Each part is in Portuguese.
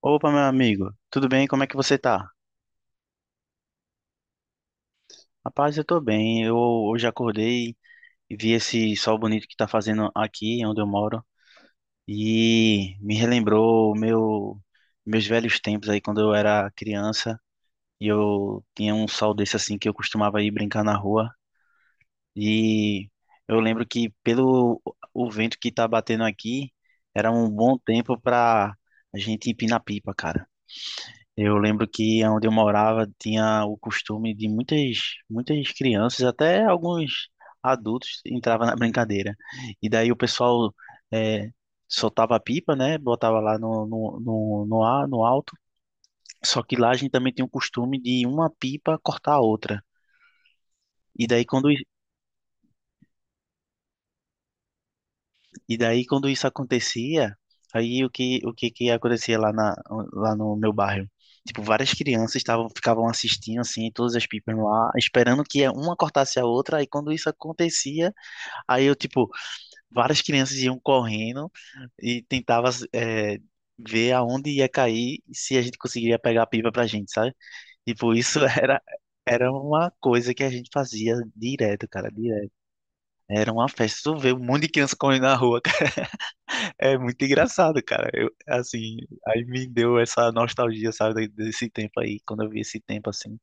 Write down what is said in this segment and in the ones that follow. Opa, meu amigo, tudo bem? Como é que você tá? Rapaz, eu tô bem. Eu hoje acordei e vi esse sol bonito que tá fazendo aqui onde eu moro e me relembrou meus velhos tempos aí quando eu era criança e eu tinha um sol desse assim que eu costumava ir brincar na rua e eu lembro que pelo o vento que tá batendo aqui era um bom tempo pra a gente empinar pipa, cara. Eu lembro que onde eu morava tinha o costume de muitas crianças, até alguns adultos, entravam na brincadeira. E daí o pessoal eh, soltava a pipa, né? Botava lá no ar, no alto. Só que lá a gente também tinha o costume de uma pipa cortar a outra. E daí quando E daí, quando isso acontecia, aí que acontecia lá no meu bairro? Tipo, várias crianças ficavam assistindo, assim, todas as pipas lá, esperando que uma cortasse a outra. Aí quando isso acontecia, aí eu, tipo, várias crianças iam correndo e ver aonde ia cair e se a gente conseguiria pegar a pipa pra gente, sabe? Tipo, isso era uma coisa que a gente fazia direto, cara, direto. Era uma festa. Tu vê um monte de criança correndo na rua, é muito engraçado, cara. Aí me deu essa nostalgia, sabe, desse tempo aí, quando eu vi esse tempo assim.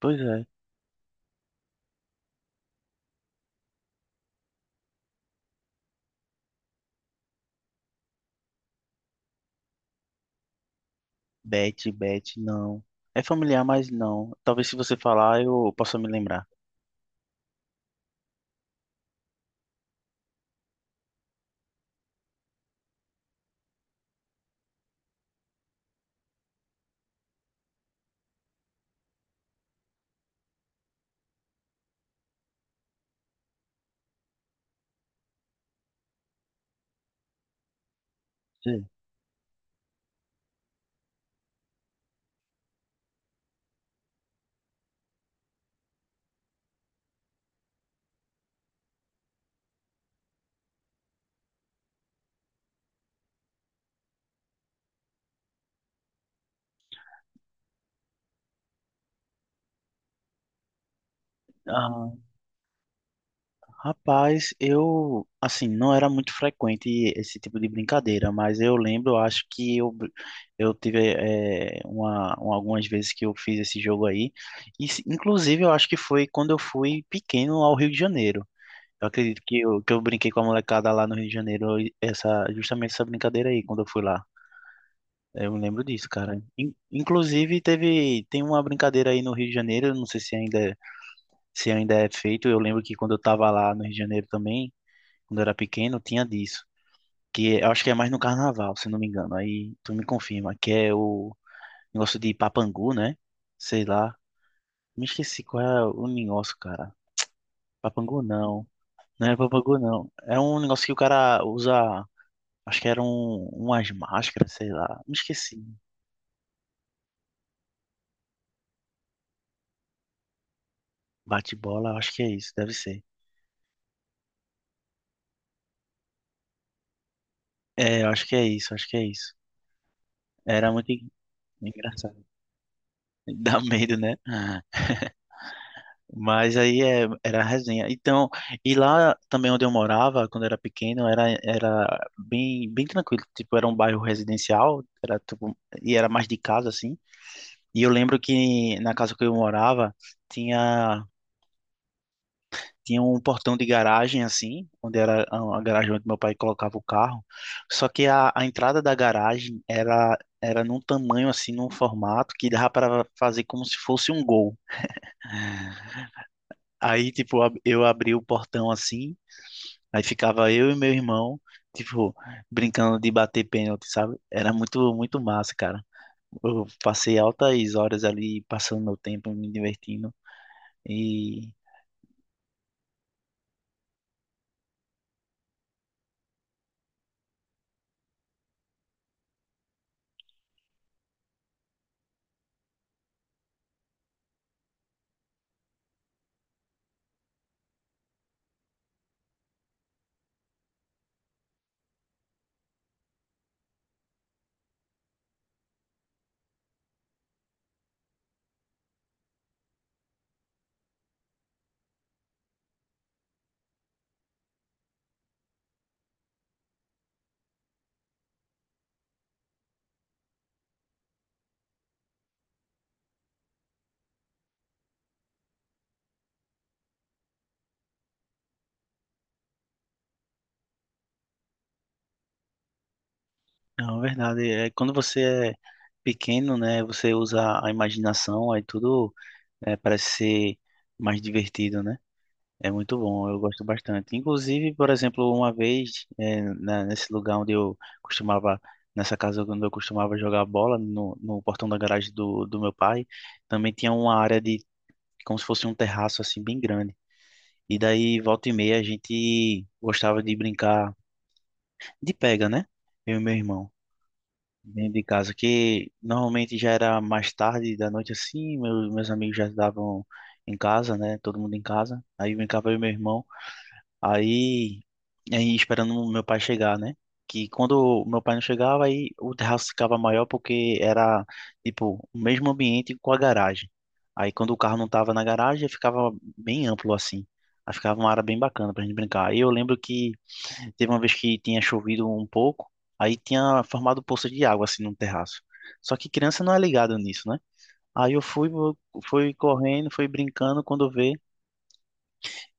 Pois é. Bet, bet, não. É familiar, mas não. Talvez se você falar, eu possa me lembrar. Sim. Ah. Rapaz, eu, assim, não era muito frequente esse tipo de brincadeira, mas eu lembro, eu acho que eu tive algumas vezes que eu fiz esse jogo aí, inclusive eu acho que foi quando eu fui pequeno ao Rio de Janeiro. Eu acredito que que eu brinquei com a molecada lá no Rio de Janeiro, e justamente essa brincadeira aí, quando eu fui lá. Eu me lembro disso, cara. Inclusive, tem uma brincadeira aí no Rio de Janeiro, eu não sei se ainda, se ainda é feito, eu lembro que quando eu tava lá no Rio de Janeiro também quando eu era pequeno, tinha disso. Que é, eu acho que é mais no carnaval, se não me engano. Aí tu me confirma, que é o negócio de papangu, né? Sei lá. Me esqueci qual é o negócio, cara. Papangu não. Não é papangu não. É um negócio que o cara usa. Acho que era umas máscaras, sei lá. Me esqueci. Bate-bola, acho que é isso, deve ser. É, eu acho que é isso, acho que é isso. Era muito en- engraçado. Dá medo, né? Era a resenha. Então, e lá também onde eu morava, quando era pequeno, era bem tranquilo. Tipo, era um bairro residencial, era tipo, e era mais de casa, assim. E eu lembro que na casa que eu morava, tinha, tinha um portão de garagem, assim, onde era a garagem onde meu pai colocava o carro. Só que a entrada da garagem era num tamanho, assim, num formato que dava para fazer como se fosse um gol. Eu abri o portão assim. Aí ficava eu e meu irmão, tipo, brincando de bater pênalti, sabe? Era muito massa, cara. Eu passei altas horas ali passando meu tempo, me divertindo. E, não, é verdade, é quando você é pequeno, né? Você usa a imaginação, aí tudo é, parece ser mais divertido, né? É muito bom, eu gosto bastante. Inclusive, por exemplo, uma vez, nesse lugar onde eu costumava, nessa casa onde eu costumava jogar bola, no portão da garagem do meu pai, também tinha uma área de, como se fosse um terraço assim, bem grande. E daí, volta e meia, a gente gostava de brincar de pega, né? Eu e meu irmão, dentro de casa, que normalmente já era mais tarde da noite assim, meus amigos já estavam em casa, né? Todo mundo em casa. Aí brincava eu e meu irmão. Aí, aí esperando o meu pai chegar, né? Que quando o meu pai não chegava, aí o terraço ficava maior porque era, tipo, o mesmo ambiente com a garagem. Aí quando o carro não tava na garagem, ficava bem amplo assim. Aí ficava uma área bem bacana pra gente brincar. Aí eu lembro que teve uma vez que tinha chovido um pouco, aí tinha formado poça de água assim no terraço. Só que criança não é ligada nisso, né? Aí eu fui, fui correndo, fui brincando, quando vê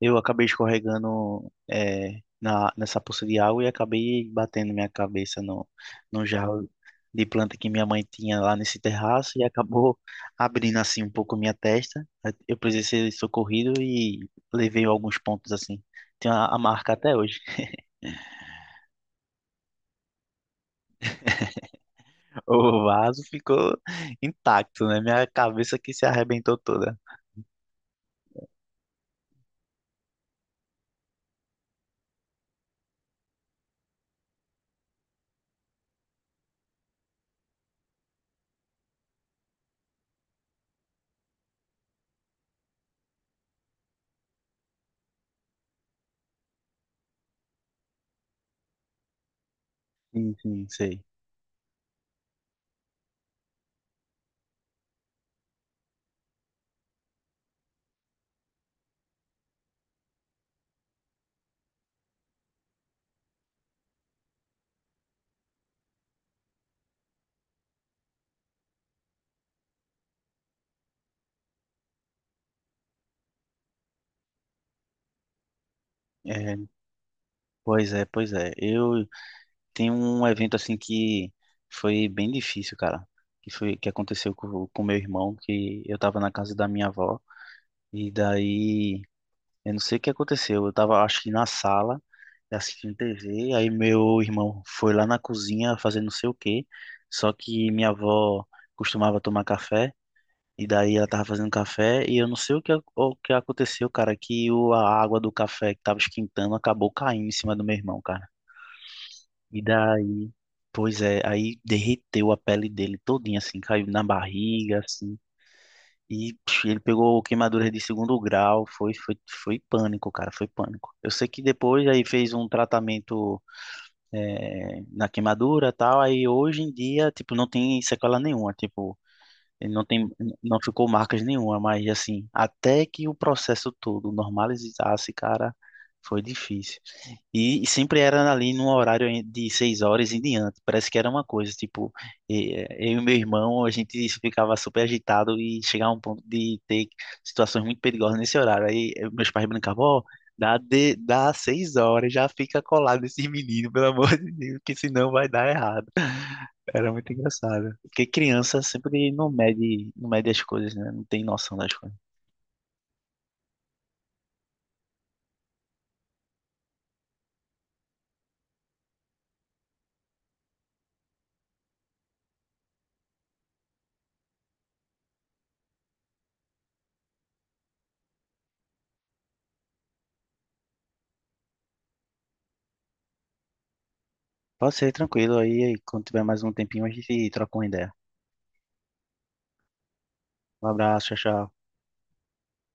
eu acabei escorregando nessa poça de água e acabei batendo minha cabeça no jarro de planta que minha mãe tinha lá nesse terraço e acabou abrindo assim um pouco minha testa. Eu precisei ser socorrido e levei alguns pontos assim. Tem a marca até hoje. O vaso ficou intacto, né? Minha cabeça que se arrebentou toda. Sim, sim, sei. É, pois é, pois é. Eu tem um evento assim que foi bem difícil, cara. Que foi que aconteceu com meu irmão, que eu tava na casa da minha avó e daí eu não sei o que aconteceu. Eu tava acho que na sala assistindo TV, aí meu irmão foi lá na cozinha fazer não sei o quê. Só que minha avó costumava tomar café e daí ela tava fazendo café e eu não sei o que aconteceu, cara, que a água do café que tava esquentando acabou caindo em cima do meu irmão, cara. E daí, pois é, aí derreteu a pele dele todinha, assim, caiu na barriga, assim. E psh, ele pegou queimadura de segundo grau, foi pânico, cara, foi pânico. Eu sei que depois aí fez um tratamento na queimadura e tal, aí hoje em dia, tipo, não tem sequela nenhuma, tipo, ele não tem, não ficou marcas nenhuma, mas assim, até que o processo todo normalizasse, cara, foi difícil. E sempre era ali num horário de 6 horas em diante. Parece que era uma coisa, tipo, eu e meu irmão, a gente ficava super agitado e chegava a um ponto de ter situações muito perigosas nesse horário. Aí meus pais brincavam, ó, dá 6 horas, já fica colado esse menino, pelo amor de Deus, que senão vai dar errado. Era muito engraçado. Porque criança sempre não mede as coisas, né? Não tem noção das coisas. Pode ser tranquilo aí, quando tiver mais um tempinho, a gente troca uma ideia. Um abraço, tchau, tchau.